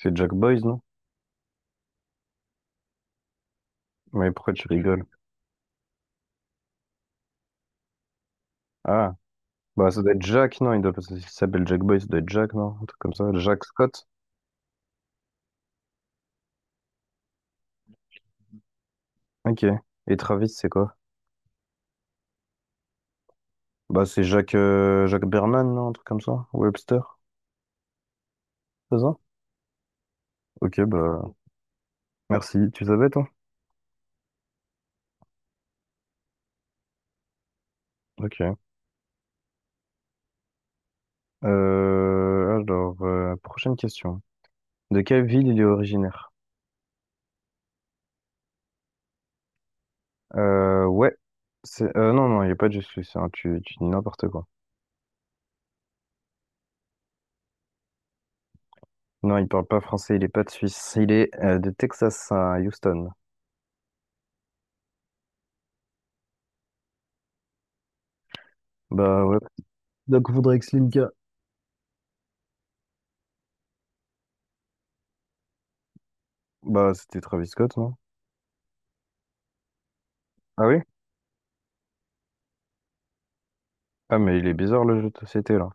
C'est Jack Boys, non? Mais pourquoi tu rigoles? Ah, bah ça doit être Jack, non? Il doit pas s'il s'appelle Jack Boys, ça doit être Jack, non? Un truc comme ça. Jack Scott? Ok. Et Travis, c'est quoi? Bah c'est Jack, Jack Berman, non? Un truc comme ça? Webster? C'est ça? Ok, bah merci. Tu savais, toi? Ok. Alors, prochaine question. De quelle ville il est originaire? Ouais. C'est, non, non, il n'est pas de Suisse, hein. Tu dis n'importe quoi. Non, il parle pas français, il est pas de Suisse. Il est de Texas à Houston. Bah ouais, donc faudrait que Slimka. Bah, c'était Travis Scott, non? Ah oui? Ah, mais il est bizarre le jeu de société là.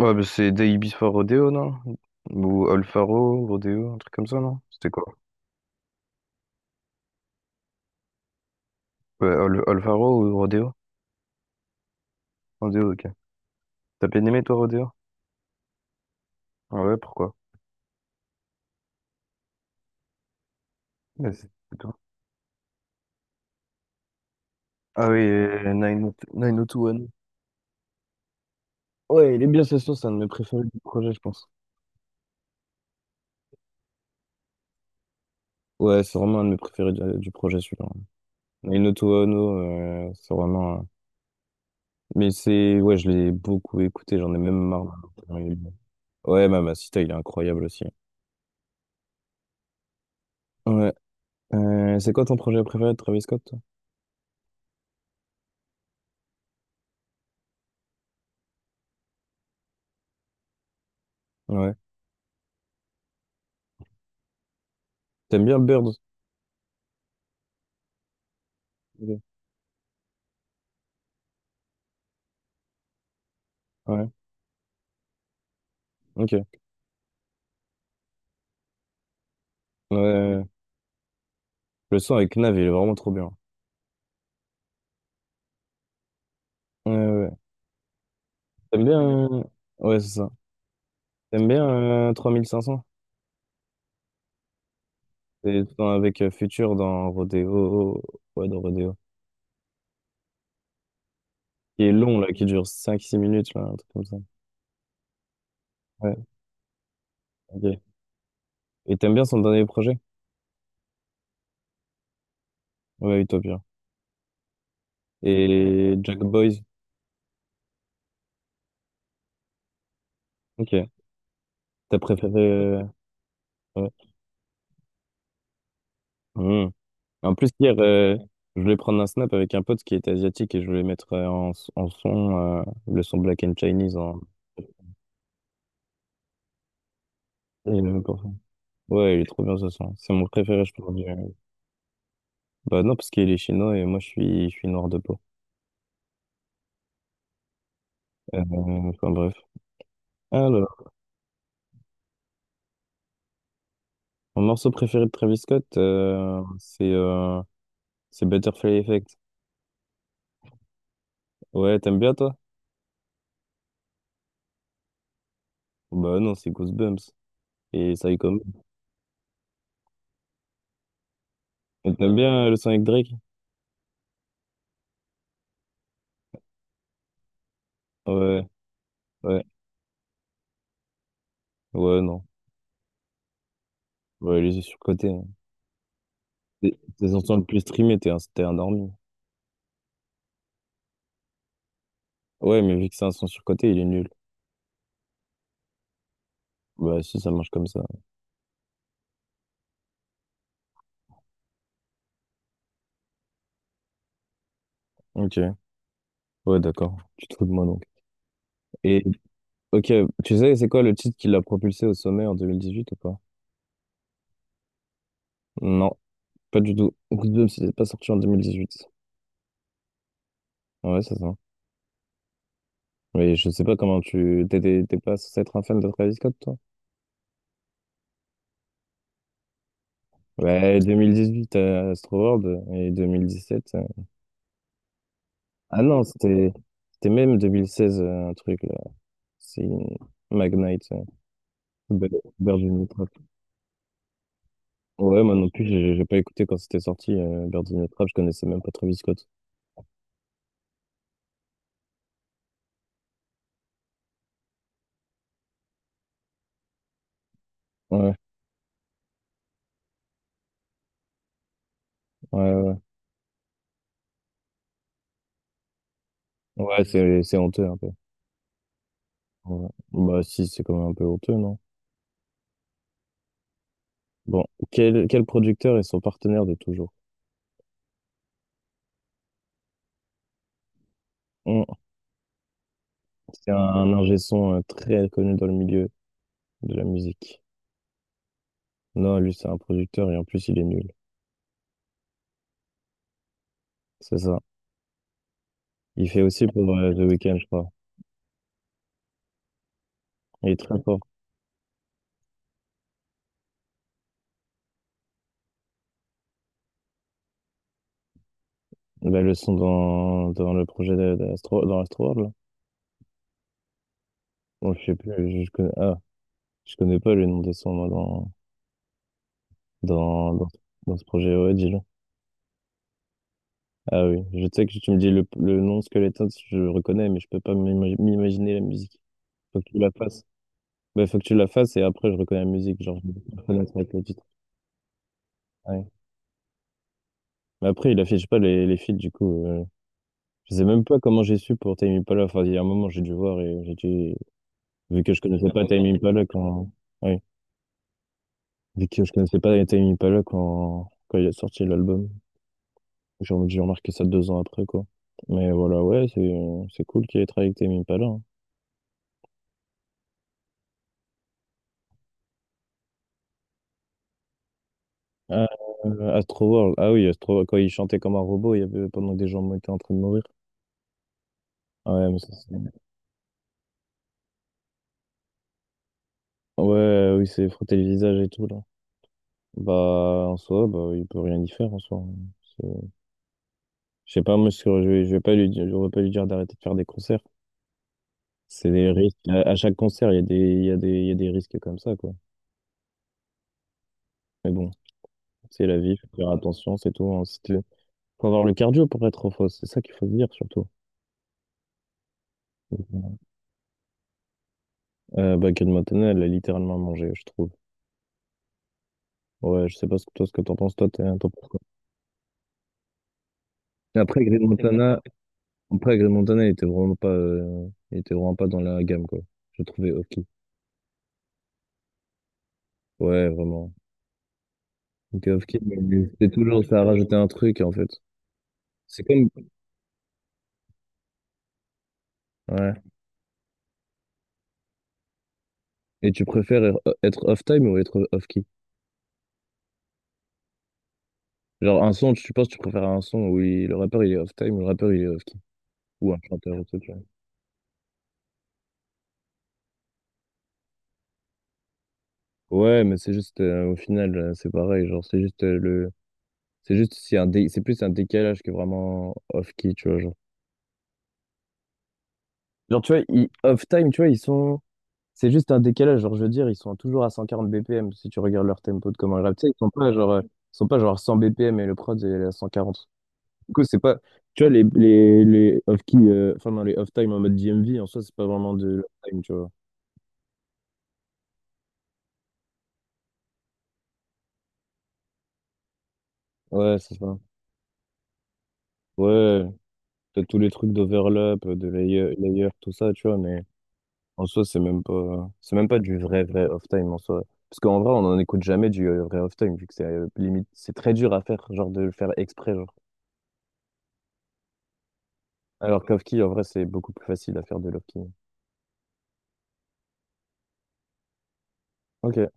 Ouais, bah, c'est Day Before Rodeo, non? Ou Alfaro, Rodeo, un truc comme ça, non? C'était quoi? Ouais, Alfaro ou Rodeo? Rodeo, ok. T'as bien aimé toi, Rodeo? Ah ouais, pourquoi? Ouais, c'est toi. Ah oui, 9021. Ouais, il est bien, ce son, c'est un de mes préférés du projet, je pense. Ouais, c'est vraiment un de mes préférés du projet, celui-là. 9021, Mais c'est. Ouais, je l'ai beaucoup écouté, j'en ai même marre. Ouais, Mamacita, il est incroyable aussi. Ouais. C'est quoi ton projet préféré de Travis Scott, toi? Ouais. T'aimes bien Birds? Ok. Ouais. Ok. Ouais. Le son avec Nav, il est vraiment trop bien. Ouais, ouais. T'aimes bien... euh, Ouais, c'est ça. T'aimes bien 3500? C'est avec Future dans Rodeo. Ouais, dans Rodeo. Qui est long, là, qui dure 5 6 minutes, là, un truc comme ça. Ouais, ok. Et t'aimes bien son dernier projet? Ouais, Utopia. Et Jack Boys? Ok. T'as préféré... euh, Ouais. Hmm. En plus, hier, je voulais prendre un snap avec un pote qui était asiatique et je voulais mettre en, s- en son le son Black and Chinese. Et il aimait ça. Ouais, il est trop bien ce son. C'est mon préféré, je pense. Bah non, parce qu'il est chinois et moi, je suis noir de peau. Euh, enfin, bref. Alors, mon morceau préféré de Travis Scott, c'est Butterfly Effect. Ouais, t'aimes bien, toi? Bah non, c'est Goosebumps. Et Psycho. Et t'aimes bien le son avec Drake? Ouais, ouais, ouais, non. Ouais, il est surcoté. Tes tes chansons le plus streamées, t'es endormi. Ouais, mais vu que c'est un son surcoté, il est nul. Bah si, ça marche comme ça. Ok, ouais, d'accord. Tu te fous de moi donc. Et ok, tu sais, c'est quoi le titre qui l'a propulsé au sommet en 2018 ou pas? Non, pas du tout. Good Job, c'était pas sorti en 2018. Ouais, c'est ça. Mais je sais pas comment tu... t'es pas censé être un fan de Travis Scott, toi? Ouais, 2018 à Astro World et 2017. Ah non, c'était même 2016, un truc, là. C'est Magnite. Ber- Bergini Trap. Ouais, moi non plus, j'ai pas écouté quand c'était sorti, Bergini Trap, je connaissais même pas Travis Scott. Ouais, ouais, ouais. Ouais, c'est honteux un peu. Ouais. Bah si, c'est quand même un peu honteux, non? Bon, quel producteur est son partenaire de toujours? Hum, C'est un ingé son très connu dans le milieu de la musique. Non, lui, c'est un producteur et en plus, il est nul. C'est ça. Il fait aussi pour The Weeknd, je crois. Il est très fort. Bah, le son dans le projet d'Astro, dans Astroworld, là. Bon, je sais plus, je connais. Ah, je connais pas le nom de son, moi, dans, dans, dans ce projet. Ouais, dis-le. Ah oui, je sais que tu me dis le nom Skeleton, je le reconnais, mais je peux pas m'imaginer la musique. Faut que tu la fasses. Bah, faut que tu la fasses et après, je reconnais la musique. Genre, je vais pas reconnaître avec le titre. Ouais. Mais après, il affiche pas les feats, du coup. Je sais même pas comment j'ai su pour Tame Impala. Enfin, il y a un moment, j'ai dû voir et j'ai dû... Vu que je connaissais pas Tame Impala quand... Ouais. Vu que je connaissais pas Tame Impala quand il a sorti l'album. J'ai remarqué ça 2 ans après, quoi. Mais voilà, ouais, c'est cool qu'il ait travaillé avec Tame Impala, hein. Ah, Astroworld, ah oui, Astroworld, quand il chantait comme un robot, il y avait pendant que des gens étaient en train de mourir. Ah ouais, mais ça, oui, c'est frotter le visage et tout, là. Bah, en soi, bah, il peut rien y faire, en soi. C'est- Je sais pas, moi, je vais pas lui dire, je vais pas lui dire d'arrêter de faire des concerts. C'est des risques. À chaque concert, il y a il y a des risques comme ça, quoi. Mais bon, c'est la vie, faut faire attention, c'est tout, hein. Si t'es- Faut avoir le cardio pour être en fausse, c'est ça qu'il faut se dire surtout. Bah, Kate Montana, elle a littéralement mangé, je trouve. Ouais, je sais pas ce que toi, ce que t'en penses, toi, t'en penses quoi. Et Après, Green Montana, après, Green Montana, il était vraiment pas, il était vraiment pas dans la gamme, quoi. J'ai trouvé Hofki. Ouais, vraiment. Donc, Hofki, c'est toujours, ça a rajouté un truc, en fait. C'est comme, ouais. Et tu préfères être off-time ou être off-key? Genre, un son, tu penses, tu préfères un son où le rappeur, il est off-time ou le rappeur, il est off-key? Ou un chanteur, ou autre chose? Ouais, mais c'est juste, au final, c'est pareil, genre, c'est juste le... C'est juste, c'est c'est plus un décalage que vraiment off-key, tu vois, genre. Genre, tu vois, off-time, tu vois, ils sont... C'est juste un décalage, genre, je veux dire, ils sont toujours à 140 BPM, si tu regardes leur tempo de comment ils rappent. Tu sais, ils sont pas, genre, ils sont pas, genre, 100 BPM et le prod, il est à 140. Du coup, c'est pas... Tu vois, les off-key, enfin, non, les off-time en mode DMV, en soi, c'est pas vraiment de l'off-time, tu vois. Ouais, c'est ça. Ouais, t'as tous les trucs d'overlap, de layer, tout ça, tu vois, mais... En soi, c'est même pas du vrai, vrai off-time en soi. Parce qu'en vrai, on n'en écoute jamais du vrai off-time, vu que c'est limite, c'est très dur à faire, genre de le faire exprès, genre. Alors qu'off-key, en vrai, c'est beaucoup plus facile à faire de l'off-key. Ok.